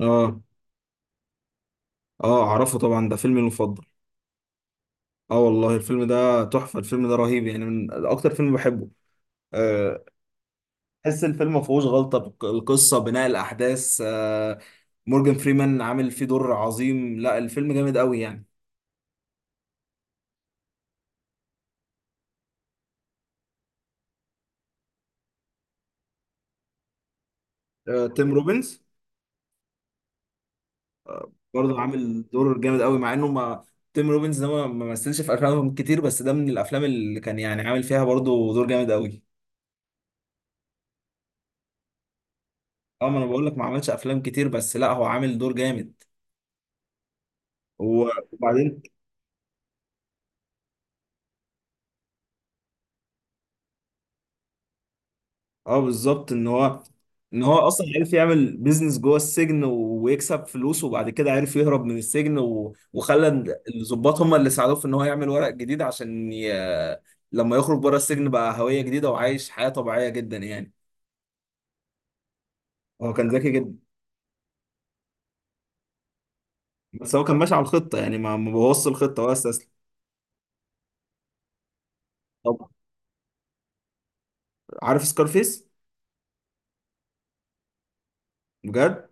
اه، اه، اعرفه طبعا، ده فيلمي المفضل. اه والله الفيلم ده تحفة، الفيلم ده رهيب يعني، من اكتر فيلم بحبه. آه، تحس الفيلم ما فيهوش غلطة، القصة، بناء الاحداث. مورجان فريمان عامل فيه دور عظيم، لا الفيلم جامد قوي يعني. تيم روبنز برضه عامل دور جامد قوي، مع انه ما تيم روبنز ده ما مثلش في افلام كتير، بس ده من الافلام اللي كان يعني عامل فيها برضه دور جامد قوي. اه ما انا بقول لك، ما عملش افلام كتير بس لا هو عامل دور جامد وبعدين. اه بالظبط، ان هو ان هو اصلا عرف يعمل بيزنس جوه السجن ويكسب فلوس، وبعد كده عرف يهرب من السجن الضباط هم اللي ساعدوه في ان هو يعمل ورق جديد عشان لما يخرج بره السجن بقى هوية جديدة، وعايش حياة طبيعية جدا يعني. هو كان ذكي جدا، بس هو كان ماشي على الخطة يعني، ما بوظش الخطة ولا استسلم. طب عارف سكارفيس؟ بجد،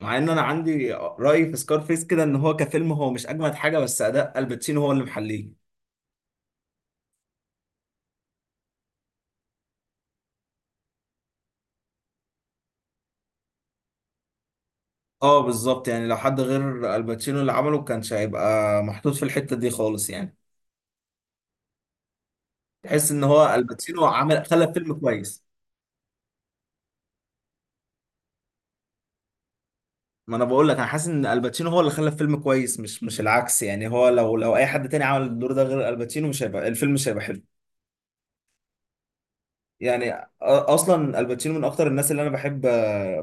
مع ان انا عندي رأي في سكارفيس كده، ان هو كفيلم هو مش اجمد حاجة، بس اداء الباتشينو هو اللي محليه. اه بالظبط، يعني لو حد غير الباتشينو اللي عمله كانش هيبقى محطوط في الحتة دي خالص يعني، تحس ان هو الباتشينو عمل، خلى فيلم كويس. ما انا بقول لك، انا حاسس ان الباتشينو هو اللي خلى فيلم كويس، مش العكس يعني. هو لو اي حد تاني عمل الدور ده غير الباتشينو، مش هيبقى الفيلم، مش هيبقى حلو. يعني اصلا الباتشينو من اكتر الناس اللي انا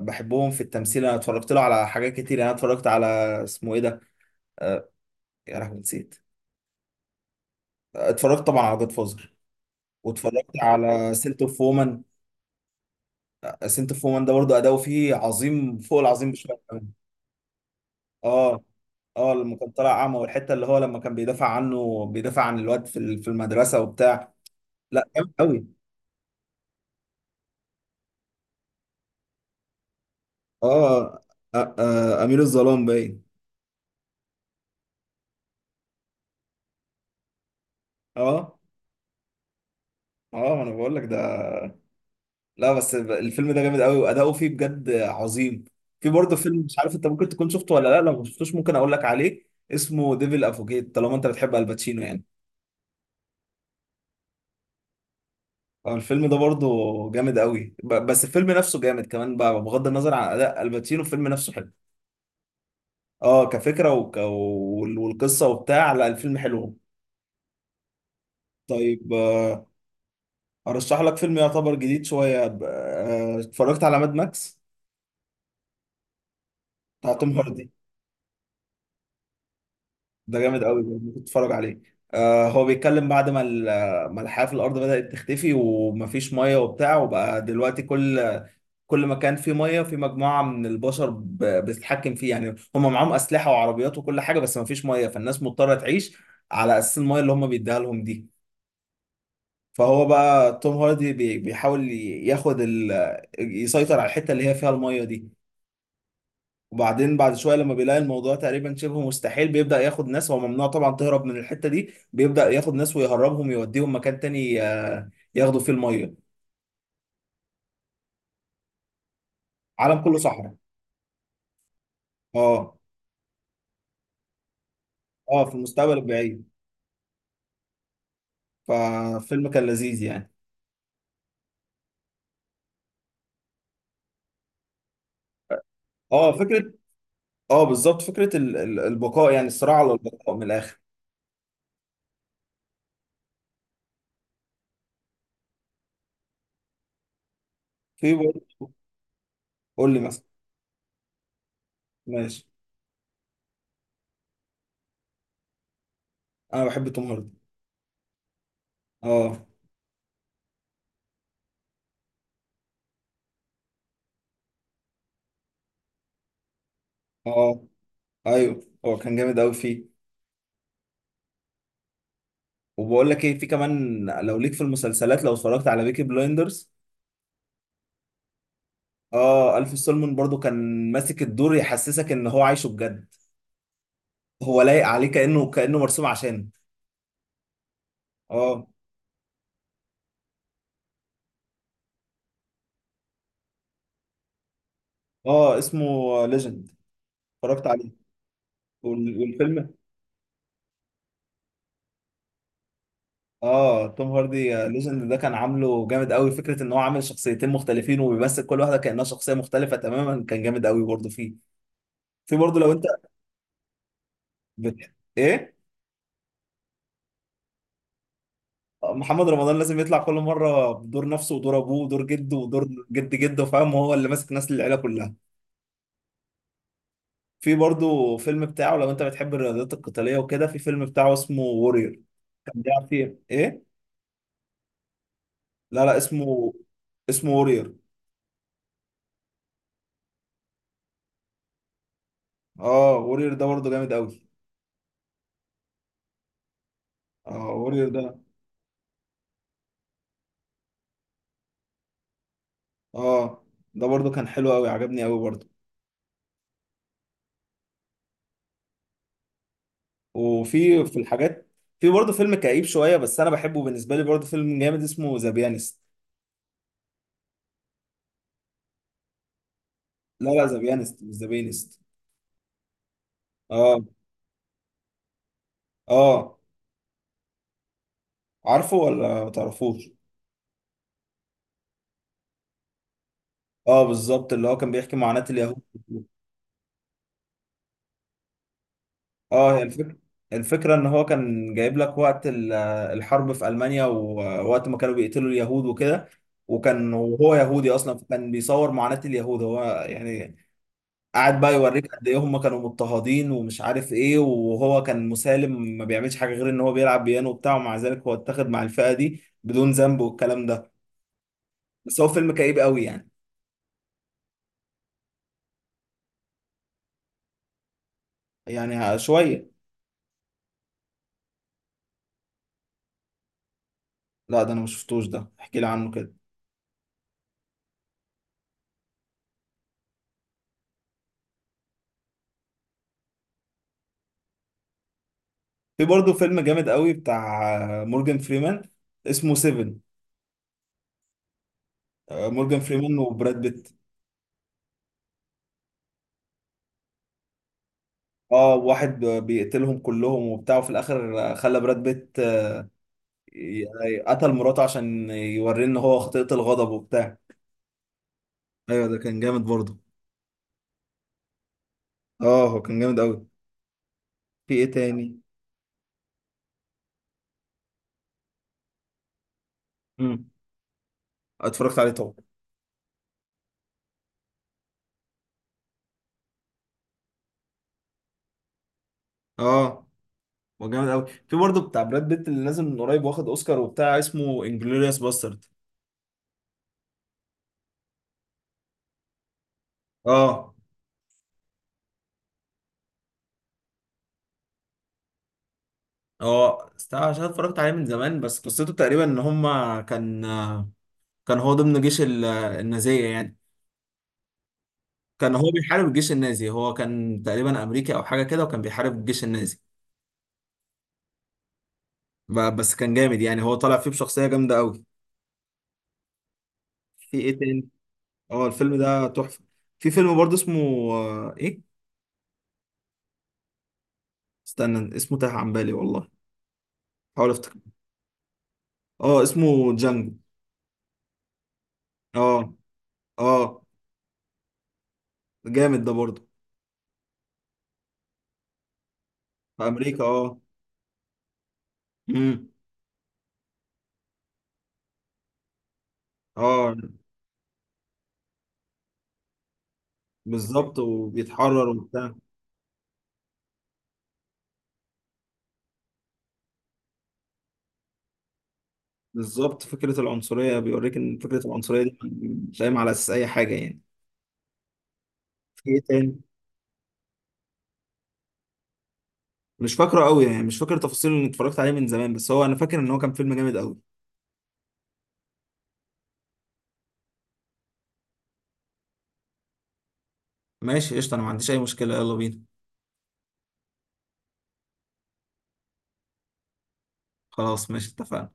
بحبهم في التمثيل. انا اتفرجت له على حاجات كتير يعني. أنا اتفرجت على، اسمه ايه ده، آه، يا لهوي نسيت. اتفرجت طبعا على جود فوزر، واتفرجت على سيلت اوف سنت اوف وومن، ده برضه اداؤه فيه عظيم فوق العظيم بشويه كمان. اه، اه، لما كان طالع اعمى، والحته اللي هو لما كان بيدافع عنه، بيدافع عن الواد في المدرسه وبتاع. لا جامد قوي. اه. امير الظلام باين. اه. اه ما انا بقول لك ده، لا بس الفيلم ده جامد قوي واداؤه فيه بجد عظيم. في برضه فيلم، مش عارف انت ممكن تكون شفته ولا لا، لو ما شفتوش ممكن اقول لك عليه. اسمه ديفل افوكيت، طالما انت بتحب الباتشينو يعني. الفيلم ده برضه جامد قوي، بس الفيلم نفسه جامد كمان بقى، بغض النظر عن اداء الباتشينو الفيلم نفسه حلو. اه كفكره، والقصه وبتاع، لا الفيلم حلو. طيب، ارشح لك فيلم يعتبر جديد شويه. اتفرجت على ماد ماكس بتاع توم هاردي، ده جامد قوي برضه، ممكن تتفرج عليه. آه هو بيتكلم بعد ما الحياه في الارض بدات تختفي، ومفيش ميه وبتاع، وبقى دلوقتي كل ما كان في ميه، في مجموعه من البشر بتتحكم فيه يعني، هم معاهم اسلحه وعربيات وكل حاجه، بس ما فيش ميه، فالناس مضطره تعيش على اساس الميه اللي هم بيديها لهم دي. فهو بقى توم هاردي بيحاول ياخد يسيطر على الحته اللي هي فيها الميه دي. وبعدين بعد شويه لما بيلاقي الموضوع تقريبا شبه مستحيل، بيبدا ياخد ناس هو ممنوع طبعا تهرب من الحته دي، بيبدا ياخد ناس ويهربهم، يوديهم مكان تاني ياخدوا فيه الميه. عالم كله صحراء. اه. اه في المستقبل البعيد. ففيلم كان لذيذ يعني. اه فكره، اه بالظبط، فكره البقاء يعني، الصراع على البقاء من الاخر. في برضه... قول لي مثلا. ماشي، انا بحب توم هاردي. اه. اه ايوه هو كان جامد قوي فيه. وبقول لك ايه، في كمان، لو ليك في المسلسلات، لو اتفرجت على بيكي بلايندرز. اه الف سولمون برضو كان ماسك الدور يحسسك ان هو عايشه بجد، هو لايق عليه كانه كانه مرسوم عشانه. اه. اه اسمه ليجند، اتفرجت عليه. والفيلم، اه توم هاردي. ليجند ده كان عامله جامد قوي، فكره ان هو عامل شخصيتين مختلفين، وبيمثل كل واحده كانها شخصيه مختلفه تماما، كان جامد قوي برضه فيه. في برضه لو انت بت... ايه. محمد رمضان لازم يطلع كل مره بدور نفسه ودور ابوه ودور جده ودور جد جده، فاهم هو اللي ماسك ناس العيله كلها. في برضه فيلم بتاعه، لو انت بتحب الرياضات القتاليه وكده، في فيلم بتاعه اسمه وورير، كان بيلعب فيه ايه. لا لا، اسمه، اسمه وورير. اه وورير ده برضه جامد قوي. اه وورير ده، اه ده برضو كان حلو قوي، عجبني قوي برضو. وفي في الحاجات، في برضو فيلم كئيب شويه بس انا بحبه، بالنسبه لي برضو فيلم جامد، اسمه ذا بيانست. لا لا، ذا بيانست مش ذا بيانست. اه. اه عارفه ولا ما تعرفوش؟ اه بالظبط، اللي هو كان بيحكي معاناه اليهود. اه هي الفكره، الفكره ان هو كان جايب لك وقت الحرب في المانيا، ووقت ما كانوا بيقتلوا اليهود وكده، وكان، وهو يهودي اصلا، فكان بيصور معاناه اليهود هو يعني. قعد بقى يوريك قد ايه هم كانوا مضطهدين ومش عارف ايه، وهو كان مسالم ما بيعملش حاجه غير ان هو بيلعب بيانو وبتاع، ومع ذلك هو اتاخد مع الفئه دي بدون ذنب والكلام ده. بس هو فيلم كئيب قوي يعني. يعني شويه. لا ده انا ما شفتوش، ده احكي لي عنه كده. في برضه فيلم جامد قوي بتاع مورجان فريمان، اسمه سيفن. مورجان فريمان وبراد بيت. اه واحد بيقتلهم كلهم وبتاع، وفي الاخر خلى براد بيت قتل مراته عشان يوريه ان هو خطيئة الغضب وبتاع. ايوه ده كان جامد برضه. اه هو كان جامد قوي. في ايه تاني. امم، اتفرجت عليه طبعا. اه هو جامد قوي. في برضه بتاع براد بيت اللي نازل من قريب واخد اوسكار وبتاع، اسمه انجلوريوس باسترد. اه. اه عشان اتفرجت عليه من زمان، بس قصته تقريبا ان هما كان، كان هو ضمن جيش النازية يعني، كان هو بيحارب الجيش النازي، هو كان تقريبا امريكي او حاجة كده، وكان بيحارب الجيش النازي. بس كان جامد يعني، هو طالع فيه بشخصية جامدة قوي. في ايه تاني. اه الفيلم ده تحفة. في فيلم برضه اسمه، آه، ايه استنى، اسمه تاه عن بالي والله، حاول افتكر. اه اسمه جانجو. اه. اه جامد ده برضه. في امريكا اه. امم. اه بالظبط وبيتحرر وبتاع، بالظبط فكرة العنصرية، بيوريك ان فكرة العنصرية دي مش قايمة على اساس اي حاجة يعني. في ايه تاني. مش فاكره قوي يعني، مش فاكر تفاصيل، اللي اتفرجت عليه من زمان، بس هو انا فاكر ان هو كان فيلم جامد قوي. ماشي قشطة، انا ما عنديش اي مشكلة، يلا بينا. خلاص ماشي، اتفقنا.